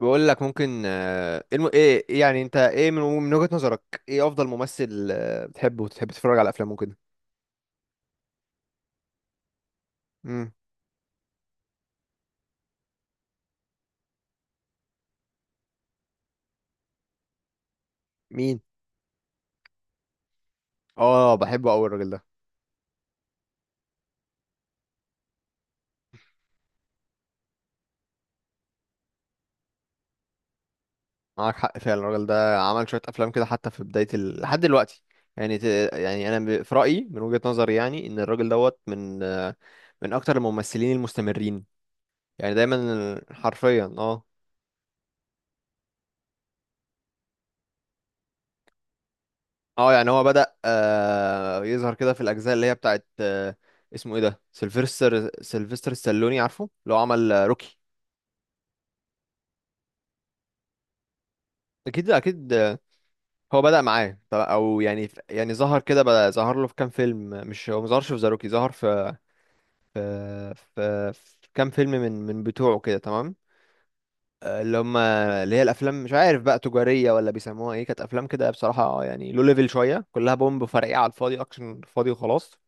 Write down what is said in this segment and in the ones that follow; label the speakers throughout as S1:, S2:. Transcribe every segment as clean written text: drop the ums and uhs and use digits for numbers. S1: بقول لك ممكن الم... ايه الم- إيه يعني انت ايه من وجهة نظرك ايه افضل ممثل بتحبه وتحب تتفرج على افلامه كده. امم مين؟ اه، بحبه قوي الراجل ده. معاك حق فعلا، الراجل ده عمل شوية افلام كده حتى لحد دلوقتي. يعني ت... يعني انا في رأيي من وجهة نظري يعني ان الراجل دوت من من اكتر الممثلين المستمرين، يعني دايما حرفيا اه. اه، يعني هو بدأ يظهر كده في الأجزاء اللي هي بتاعت اسمه ايه ده، سيلفستر، سيلفستر ستالوني، عارفه اللي هو عمل روكي. أكيد أكيد هو بدأ معاه يعني ظهر كده، بدأ ظهر له في كام فيلم، مش هو مظهرش في ذا روكي، ظهر في في كام فيلم من بتوعه كده تمام. اللي هي الأفلام مش عارف بقى تجارية ولا بيسموها ايه، كانت أفلام كده بصراحة يعني لو ليفل شوية، كلها بومب فرقيعة على الفاضي، أكشن فاضي وخلاص.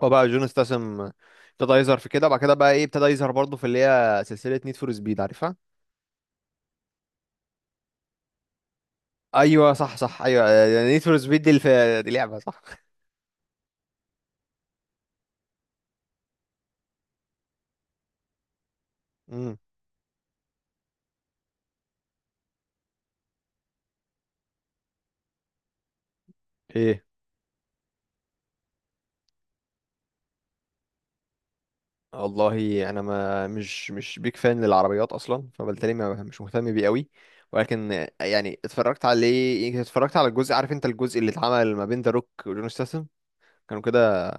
S1: هو بقى جون استسم ابتدى يظهر في كده، وبعد كده بقى ايه، ابتدى يظهر برضه في اللي هي سلسلة نيد فور سبيد، عارفها؟ ايوه صح صح ايوه. نيد فور سبيد دي لعبة صح. امم ايه؟ والله انا ما مش مش بيك فان للعربيات اصلا، فبالتالي ما مش مهتم بيه قوي، ولكن يعني اتفرجت عليه، يمكن اتفرجت على الجزء، عارف انت الجزء اللي اتعمل ما بين ذا روك وجون ستاثام، كانوا كده. هو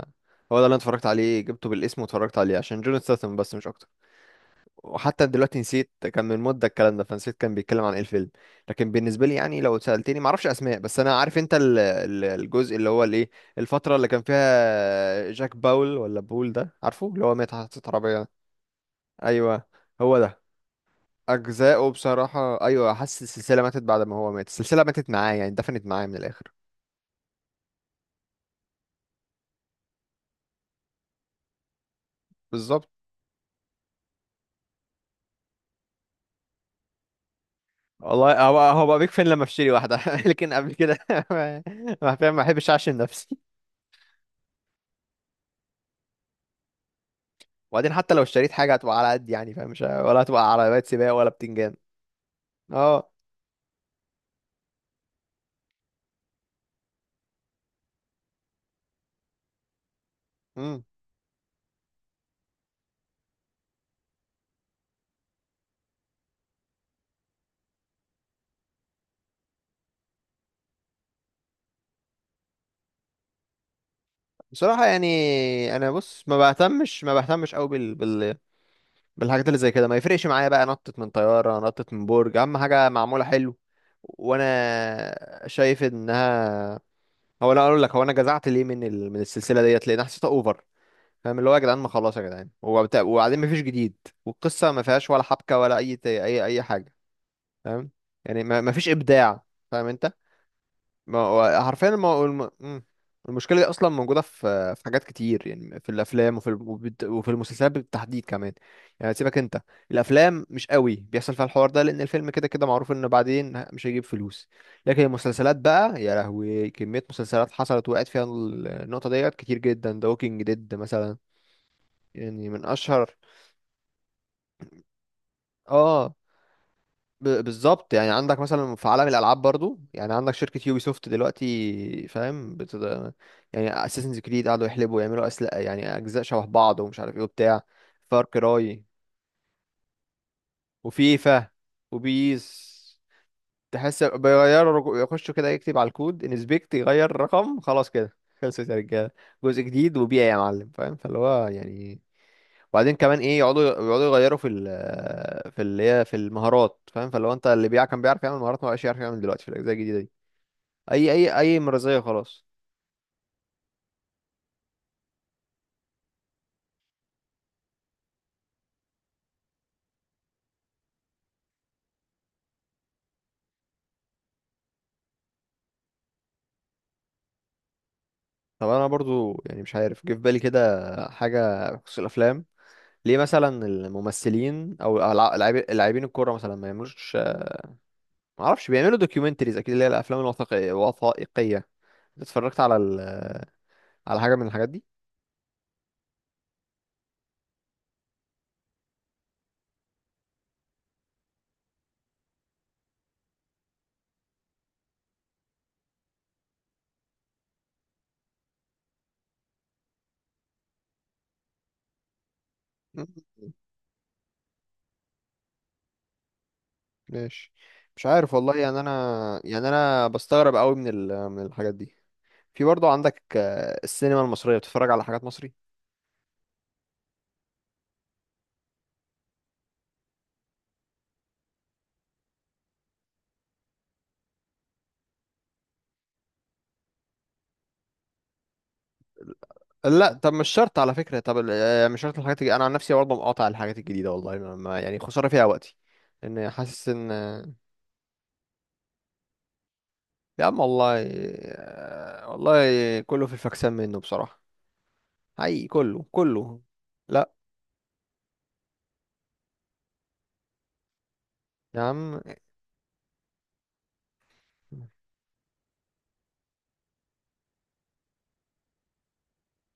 S1: ده اللي انا اتفرجت عليه، جبته بالاسم واتفرجت عليه عشان جون ستاثام بس مش اكتر. وحتى دلوقتي نسيت، كان من مدة الكلام ده، فنسيت كان بيتكلم عن ايه الفيلم. لكن بالنسبة لي يعني لو سألتني معرفش أسماء، بس أنا عارف أنت الجزء اللي هو الإيه، الفترة اللي كان فيها جاك باول ولا بول ده، عارفه اللي هو مات حادثة عربية. أيوه، هو ده. أجزاؤه بصراحة أيوه، حاسس السلسلة ماتت بعد ما هو مات، السلسلة ماتت معاه يعني، دفنت معاه من الآخر. بالظبط. والله هو بقى بيك فين لما اشتري واحدة، لكن قبل كده ما ما أحبش أعشم نفسي. وبعدين حتى لو اشتريت حاجه هتبقى على قد يعني، فاهم؟ مش ولا هتبقى عربيات سباق ولا بتنجان. اه. امم بصراحه يعني انا بص ما بهتمش قوي بالحاجات اللي زي كده، ما يفرقش معايا بقى نطت من طياره، نطت من برج، اهم حاجه معموله حلو. وانا شايف انها، هو انا اقول لك هو انا جزعت ليه من من السلسله ديت، لان حسيتها اوفر، فاهم؟ اللي هو يا جدعان ما خلاص يا جدعان، وبعدين مفيش جديد، والقصه ما فيهاش ولا حبكه ولا اي حاجه، فاهم؟ يعني ما... مفيش ابداع، فاهم انت؟ ما هو حرفيا الم... الم... مم. المشكلة دي أصلا موجودة في حاجات كتير يعني، في الأفلام وفي المسلسلات بالتحديد كمان. يعني سيبك أنت، الأفلام مش قوي بيحصل فيها الحوار ده، لأن الفيلم كده كده معروف إن بعدين مش هيجيب فلوس. لكن المسلسلات بقى يا لهوي، كمية مسلسلات حصلت وقعت فيها النقطة ديت كتير جدا، ده ووكينج ديد مثلا. يعني من أشهر. اه، بالظبط، يعني عندك مثلا في عالم الالعاب برضو، يعني عندك شركه يوبي سوفت دلوقتي، فاهم يعني اساسنز كريد، قعدوا يحلبوا يعملوا اسلحه يعني اجزاء شبه بعض ومش عارف ايه وبتاع، فار كراي، وفيفا، وبيس. تحس بيغيروا يخشوا كده يكتب على الكود انسبكت، يغير رقم، خلاص كده، خلصت يا رجاله، جزء جديد وبيع يا معلم، فاهم؟ فاللي هو يعني وبعدين كمان ايه، يقعدوا يغيروا في ال، في اللي هي في المهارات، فاهم؟ فلو انت اللي بيع كان بيعرف يعمل مهارات ما بقاش يعرف يعمل دلوقتي في الاجزاء الجديده دي. اي مرزيه خلاص. طب انا برضو يعني مش عارف، جه في بالي كده حاجه بخصوص الافلام. ليه مثلا الممثلين او لاعبين الكوره مثلا ما يعملوش، ما اعرفش بيعملوا دوكيومنتريز اكيد، اللي هي الافلام الوثائقيه، وثائقيه. اتفرجت على على حاجه من الحاجات دي؟ مم، ماشي. مش عارف والله يعني، انا بستغرب قوي من من الحاجات دي. في برضه عندك السينما المصرية، بتتفرج على حاجات مصري؟ لا، طب مش شرط على فكرة، طب مش شرط الحاجات انا عن نفسي برضه مقاطع الحاجات الجديدة والله، يعني خسارة فيها وقتي، لان حاسس ان. يا عم والله، والله كله في الفكسان منه بصراحة. حقيقي كله كله لا. يا عم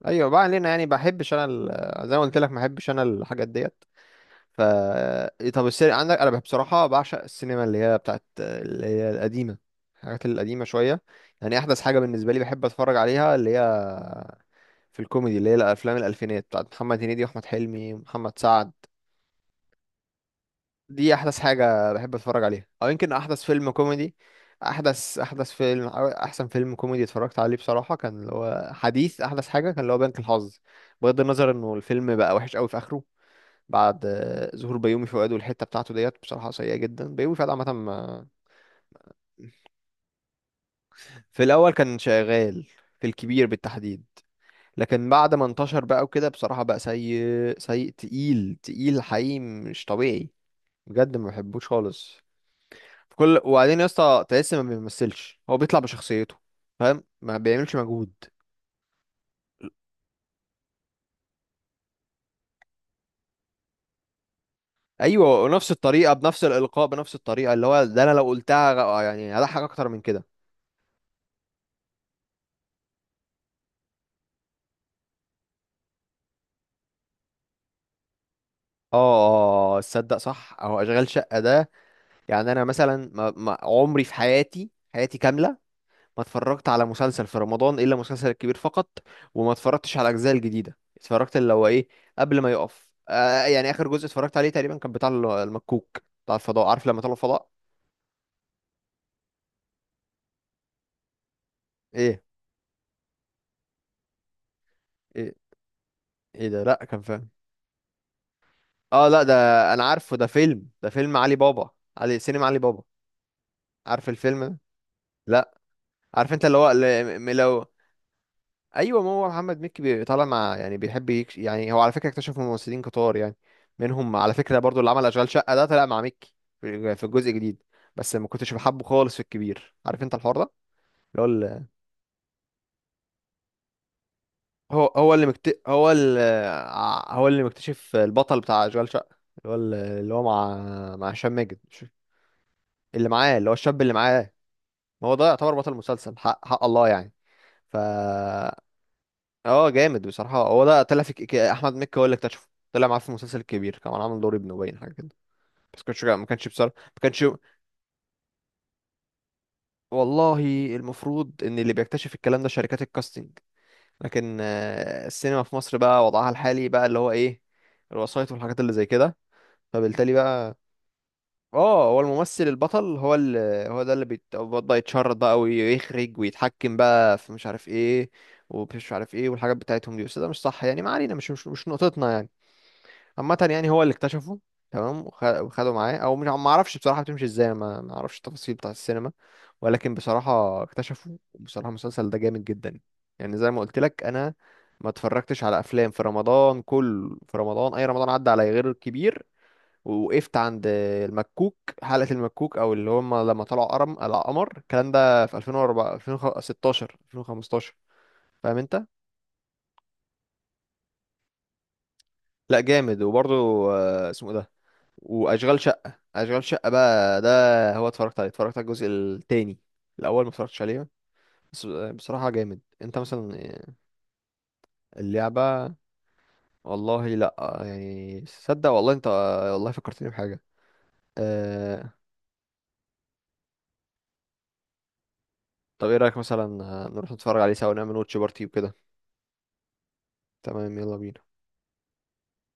S1: ايوه، بقى علينا يعني، بحبش انا زي ما قلت لك، ما بحبش انا الحاجات ديت. ف طب السينما عندك انا بصراحه بعشق السينما اللي هي بتاعت اللي هي القديمه، الحاجات القديمه شويه. يعني احدث حاجه بالنسبه لي بحب اتفرج عليها اللي هي في الكوميدي، اللي هي الافلام الالفينات بتاعت محمد هنيدي واحمد حلمي ومحمد سعد. دي احدث حاجه بحب اتفرج عليها، او يمكن احدث فيلم كوميدي. احدث فيلم أو احسن فيلم كوميدي اتفرجت عليه بصراحه كان اللي هو حديث، احدث حاجه كان اللي هو بنك الحظ، بغض النظر انه الفيلم بقى وحش قوي في اخره بعد ظهور بيومي فؤاد والحته بتاعته ديت، بصراحه سيئه جدا. بيومي فؤاد عامه في الاول كان شغال في الكبير بالتحديد، لكن بعد ما انتشر بقى وكده بصراحه بقى سيء، سيء تقيل حقيقي، مش طبيعي، بجد ما بحبوش خالص. في كل، وبعدين يا اسطى تحس ما بيمثلش، هو بيطلع بشخصيته، فاهم؟ ما بيعملش مجهود. ايوه، ونفس الطريقه، بنفس الالقاء، بنفس الطريقه، اللي هو ده انا لو قلتها يعني هضحك اكتر من كده. اه. تصدق صح اهو اشغال شقه ده. يعني انا مثلا ما عمري في حياتي، حياتي كامله ما اتفرجت على مسلسل في رمضان الا مسلسل الكبير فقط. وما اتفرجتش على الاجزاء الجديده، اتفرجت اللي هو ايه، قبل ما يقف يعني، اخر جزء اتفرجت عليه تقريبا كان بتاع المكوك بتاع الفضاء، عارف لما طلعوا الفضاء. ايه ايه ايه ده لا كان فاهم. اه لا ده، انا عارفه ده فيلم، ده فيلم علي بابا، علي سينما علي بابا، عارف الفيلم ده. لا، عارف انت اللي هو اللي لو. ايوه، ما هو محمد مكي طالع مع يعني، بيحب يعني هو على فكره اكتشف ممثلين كتار يعني، منهم على فكره برضو اللي عمل اشغال شقه ده، طلع مع مكي في الجزء الجديد. بس ما كنتش بحبه خالص في الكبير، عارف انت الحوار ده، اللي هو ال- هو هو اللي مكت... هو ال... ع- هو اللي مكتشف البطل بتاع اشغال شقه، اللي هو اللي هو مع، مع هشام ماجد اللي معاه، اللي هو الشاب اللي معاه. ما هو ده يعتبر بطل المسلسل حق حق الله يعني. ف اه، جامد بصراحة. هو ده طلع في احمد مكي هو اللي اكتشفه، طلع معاه في المسلسل الكبير كمان، عامل دور ابنه باين، حاجة كده. بس ما كانش بصراحة، ما كانش. والله المفروض ان اللي بيكتشف الكلام ده شركات الكاستنج، لكن السينما في مصر بقى وضعها الحالي بقى اللي هو ايه، الوسايط والحاجات اللي زي كده، فبالتالي بقى. اه، هو الممثل البطل هو اللي، هو ده اللي بيتبدا يتشرط بقى ويخرج ويتحكم بقى في مش عارف ايه ومش عارف ايه والحاجات بتاعتهم دي، بس ده مش صح يعني، ما علينا، مش نقطتنا يعني. عامة يعني هو اللي اكتشفه تمام، وخده معاه او مش، ما اعرفش بصراحة بتمشي ازاي، ما اعرفش التفاصيل بتاع السينما، ولكن بصراحة اكتشفه، وبصراحة المسلسل ده جامد جدا. يعني زي ما قلت لك انا ما اتفرجتش على افلام في رمضان كله، في رمضان اي رمضان عدى عليا غير الكبير، ووقفت عند المكوك، حلقة المكوك او اللي هم لما طلعوا قرم على قمر، الكلام ده في 2004 2016 2015، فاهم انت؟ لا جامد، وبرضه اسمه إيه ده، واشغال شقه، اشغال شقه بقى ده، هو اتفرجت عليه، اتفرجت على الجزء التاني، الاول ما اتفرجتش عليه، بس بصراحه جامد. انت مثلا اللعبه؟ والله لا. يعني صدق والله انت، والله فكرتني بحاجه. أه... طب ايه رايك مثلا نروح نتفرج عليه سوا ونعمل واتش بارتي وكده. تمام يلا بينا.